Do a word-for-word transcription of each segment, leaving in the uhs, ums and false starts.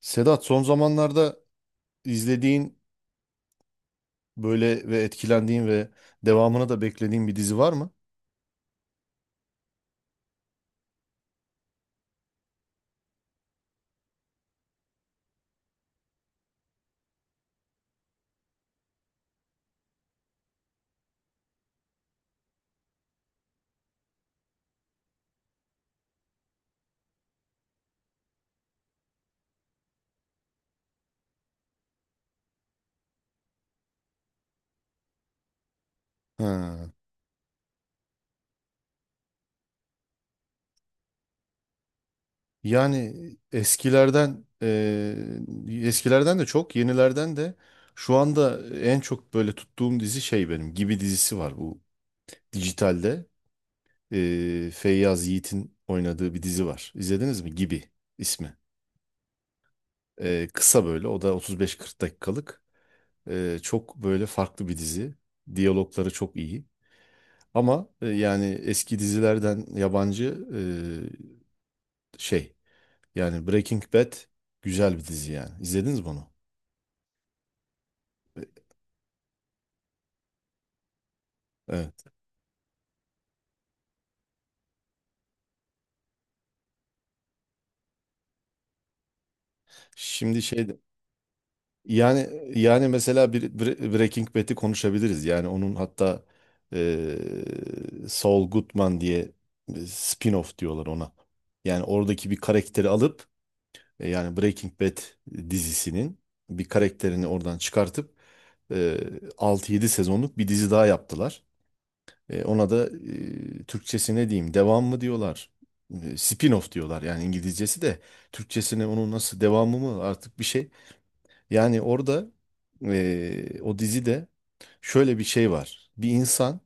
Sedat, son zamanlarda izlediğin böyle ve etkilendiğin ve devamını da beklediğin bir dizi var mı? Ha. Yani eskilerden eee, eskilerden de çok, yenilerden de şu anda en çok böyle tuttuğum dizi şey benim Gibi dizisi var, bu dijitalde. Eee Feyyaz Yiğit'in oynadığı bir dizi var. İzlediniz mi? Gibi ismi. Eee, kısa böyle, o da otuz beş kırk dakikalık. Eee, çok böyle farklı bir dizi. Diyalogları çok iyi. Ama e, yani eski dizilerden yabancı e, şey yani Breaking Bad güzel bir dizi yani. İzlediniz mi onu? E, Evet. Şimdi şey de- yani yani mesela bir Bre- Breaking Bad'i konuşabiliriz. Yani onun hatta e, Saul Goodman diye e, spin-off diyorlar ona. Yani oradaki bir karakteri alıp e, yani Breaking Bad dizisinin bir karakterini oradan çıkartıp e, altı yedi sezonluk bir dizi daha yaptılar. E, ona da e, Türkçesi ne diyeyim? Devam mı diyorlar? E, spin-off diyorlar yani İngilizcesi de. Türkçesine onun nasıl, devamı mı artık, bir şey. Yani orada e, o dizide şöyle bir şey var. Bir insan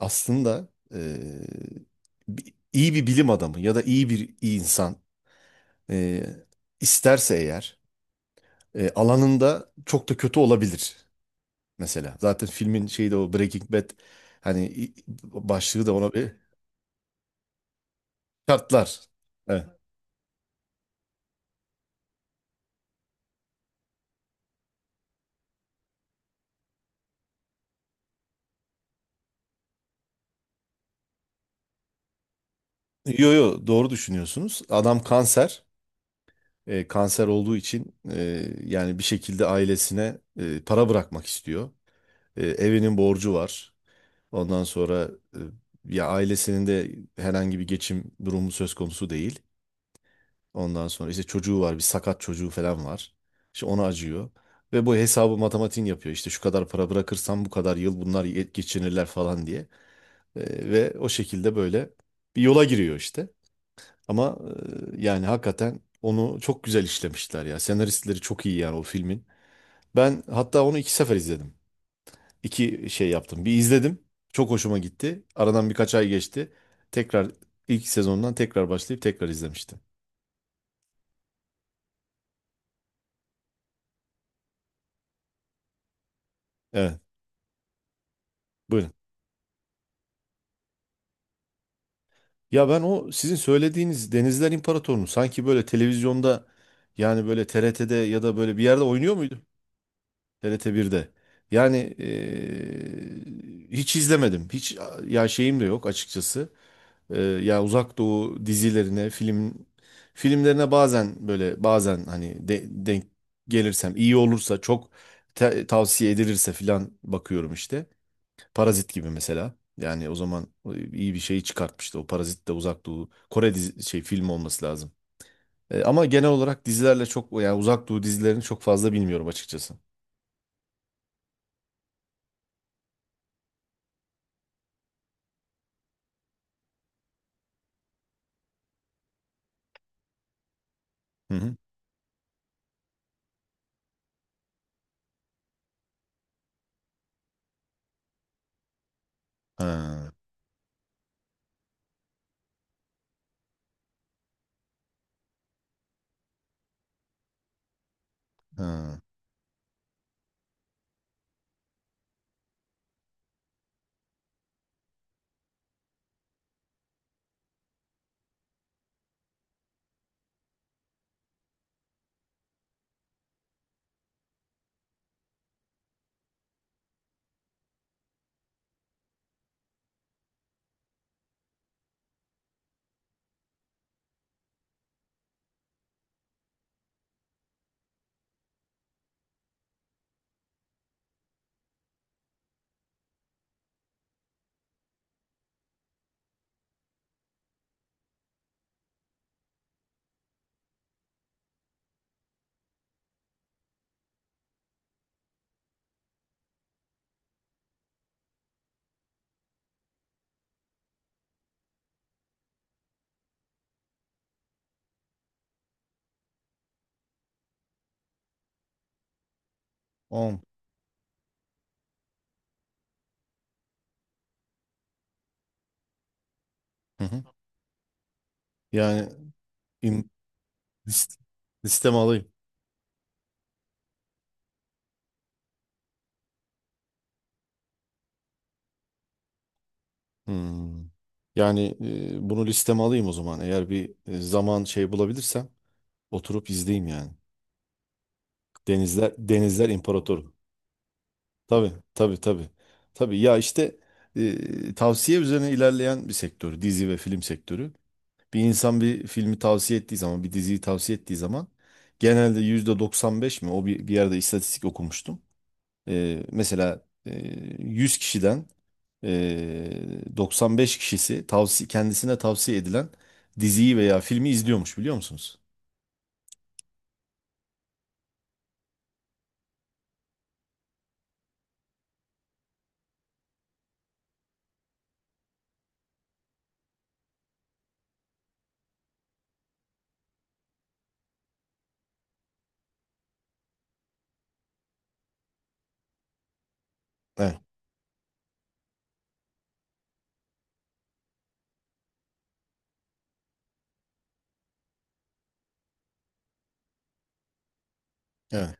aslında e, bi- iyi bir bilim adamı ya da iyi bir insan, e, isterse eğer e, alanında çok da kötü olabilir mesela. Zaten filmin şeyi de o Breaking Bad, hani i- başlığı da ona... Şartlar. Evet. Yo, yo, doğru düşünüyorsunuz. Adam kanser. E, kanser olduğu için e, yani bir şekilde ailesine e, para bırakmak istiyor. E, evinin borcu var. Ondan sonra e, ya ailesinin de herhangi bir geçim durumu söz konusu değil. Ondan sonra işte çocuğu var, bir sakat çocuğu falan var. İşte ona acıyor. Ve bu hesabı, matematiğini yapıyor. İşte şu kadar para bırakırsam bu kadar yıl bunlar ye- geçinirler falan diye. E, ve o şekilde böyle bir yola giriyor işte. Ama e, yani hakikaten onu çok güzel işlemişler ya. Senaristleri çok iyi yani o filmin. Ben hatta onu iki sefer izledim. İki şey yaptım. Bir izledim. Çok hoşuma gitti. Aradan birkaç ay geçti. Tekrar ilk sezondan tekrar başlayıp tekrar izlemiştim. Evet, buyurun. Ya ben o sizin söylediğiniz Denizler İmparatorunu sanki böyle televizyonda, yani böyle T R T'de ya da böyle bir yerde oynuyor muydu? T R T birde. Yani e, hiç izlemedim. Hiç, ya şeyim de yok açıkçası. Ee, yani Uzak Doğu dizilerine, film filmlerine bazen böyle, bazen hani de- denk gelirsem, iyi olursa, çok te- tavsiye edilirse filan bakıyorum işte. Parazit gibi mesela. Yani o zaman e, iyi bir şey çıkartmıştı. O Parazit de Uzak Doğu Kore dizi, şey film olması lazım. Ee, ama genel olarak dizilerle çok, yani Uzak Doğu dizilerini çok fazla bilmiyorum açıkçası. Hı hı. Ha, ha. On. Hı hı. Yani in- list- listeme alayım. Hmm. Yani e, bunu listeme alayım o zaman. Eğer bir e, zaman şey bulabilirsem oturup izleyeyim yani. Denizler Denizler İmparatoru. Tabii, tabii, tabii. Tabii ya işte, e, tavsiye üzerine ilerleyen bir sektör. Dizi ve film sektörü. Bir insan bir filmi tavsiye ettiği zaman, bir diziyi tavsiye ettiği zaman, genelde yüzde doksan beş mi, o bir, bir yerde istatistik okumuştum. Ee, mesela e, yüz kişiden e, doksan beş kişisi tavsi kendisine tavsiye edilen diziyi veya filmi izliyormuş, biliyor musunuz? Evet, evet,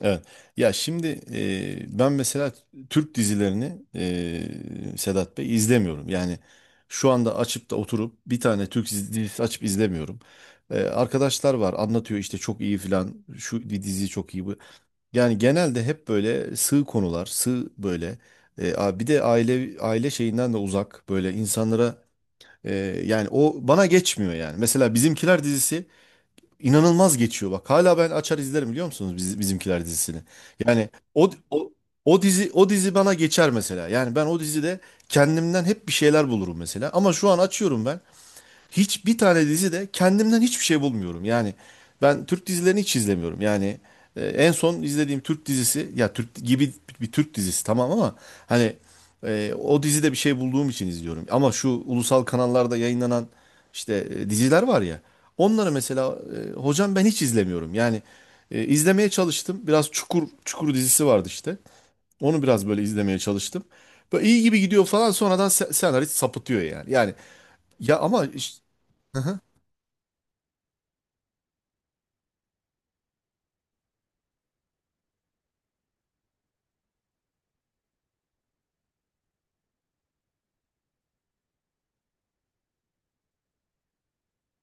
evet. Ya şimdi, e, ben mesela Türk dizilerini, e, Sedat Bey, izlemiyorum. Yani şu anda açıp da oturup bir tane Türk dizi- dizisi açıp izlemiyorum. E, arkadaşlar var, anlatıyor işte çok iyi filan, şu di- dizi çok iyi, bu. Yani genelde hep böyle sığ konular, sığ böyle. E, a- bir de aile aile şeyinden de uzak, böyle insanlara, e, yani o bana geçmiyor yani. Mesela Bizimkiler dizisi inanılmaz geçiyor, bak. Hala ben açar izlerim, biliyor musunuz, Biz- Bizimkiler dizisini. Yani o o o dizi o dizi bana geçer mesela. Yani ben o dizide kendimden hep bir şeyler bulurum mesela. Ama şu an açıyorum ben, hiçbir tane dizide kendimden hiçbir şey bulmuyorum. Yani ben Türk dizilerini hiç izlemiyorum. Yani e, en son izlediğim Türk dizisi, ya Türk gibi bir Türk dizisi tamam, ama hani e, o dizide bir şey bulduğum için izliyorum. Ama şu ulusal kanallarda yayınlanan işte e, diziler var ya, onları mesela e, hocam, ben hiç izlemiyorum. Yani e, izlemeye çalıştım. Biraz Çukur Çukur dizisi vardı işte. Onu biraz böyle izlemeye çalıştım. Böyle iyi gibi gidiyor falan, sonradan se- senarist sapıtıyor yani. Yani ya, ama işte,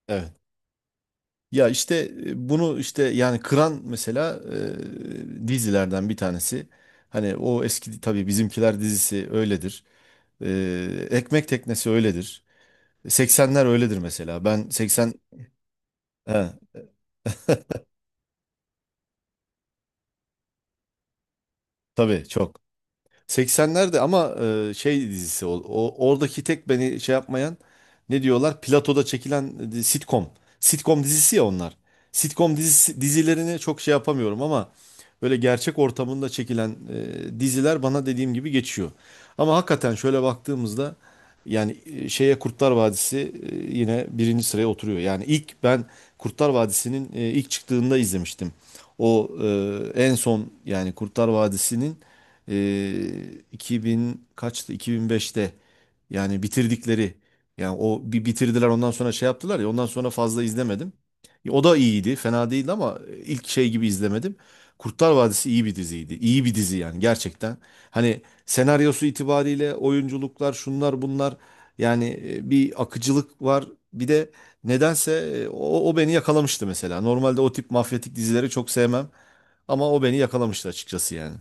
Evet. Ya işte, e, bunu işte yani kıran mesela e, dizilerden bir tanesi. Hani o eski tabii Bizimkiler dizisi öyledir. E, Ekmek Teknesi öyledir. seksenler öyledir mesela. Ben seksen, he, tabii çok. seksenlerde ama e, şey dizisi, o, o- oradaki tek beni şey yapmayan, ne diyorlar? Platoda çekilen e, sitcom. Sitcom dizisi ya onlar. Sitcom dizisi, dizilerini çok şey yapamıyorum, ama böyle gerçek ortamında çekilen e, diziler bana, dediğim gibi, geçiyor. Ama hakikaten şöyle baktığımızda, yani e, şeye, Kurtlar Vadisi e, yine birinci sıraya oturuyor. Yani ilk ben Kurtlar Vadisi'nin e, ilk çıktığında izlemiştim. O e, en son yani Kurtlar Vadisi'nin e, iki bin kaçtı? iki bin beşte yani bitirdikleri, yani o bir bitirdiler, ondan sonra şey yaptılar ya, ondan sonra fazla izlemedim. Ya, o da iyiydi, fena değildi ama ilk şey gibi izlemedim. Kurtlar Vadisi iyi bir diziydi. İyi bir dizi yani, gerçekten. Hani senaryosu itibariyle, oyunculuklar, şunlar bunlar, yani e, bir akıcılık var. Bir de nedense e, o, o beni yakalamıştı mesela. Normalde o tip mafyatik dizileri çok sevmem, ama o beni yakalamıştı açıkçası yani.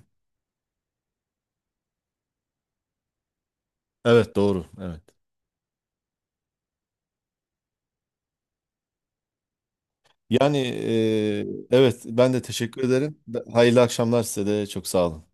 Evet, doğru. Evet. Yani e, evet, ben de teşekkür ederim. Hayırlı akşamlar, size de, çok sağ olun.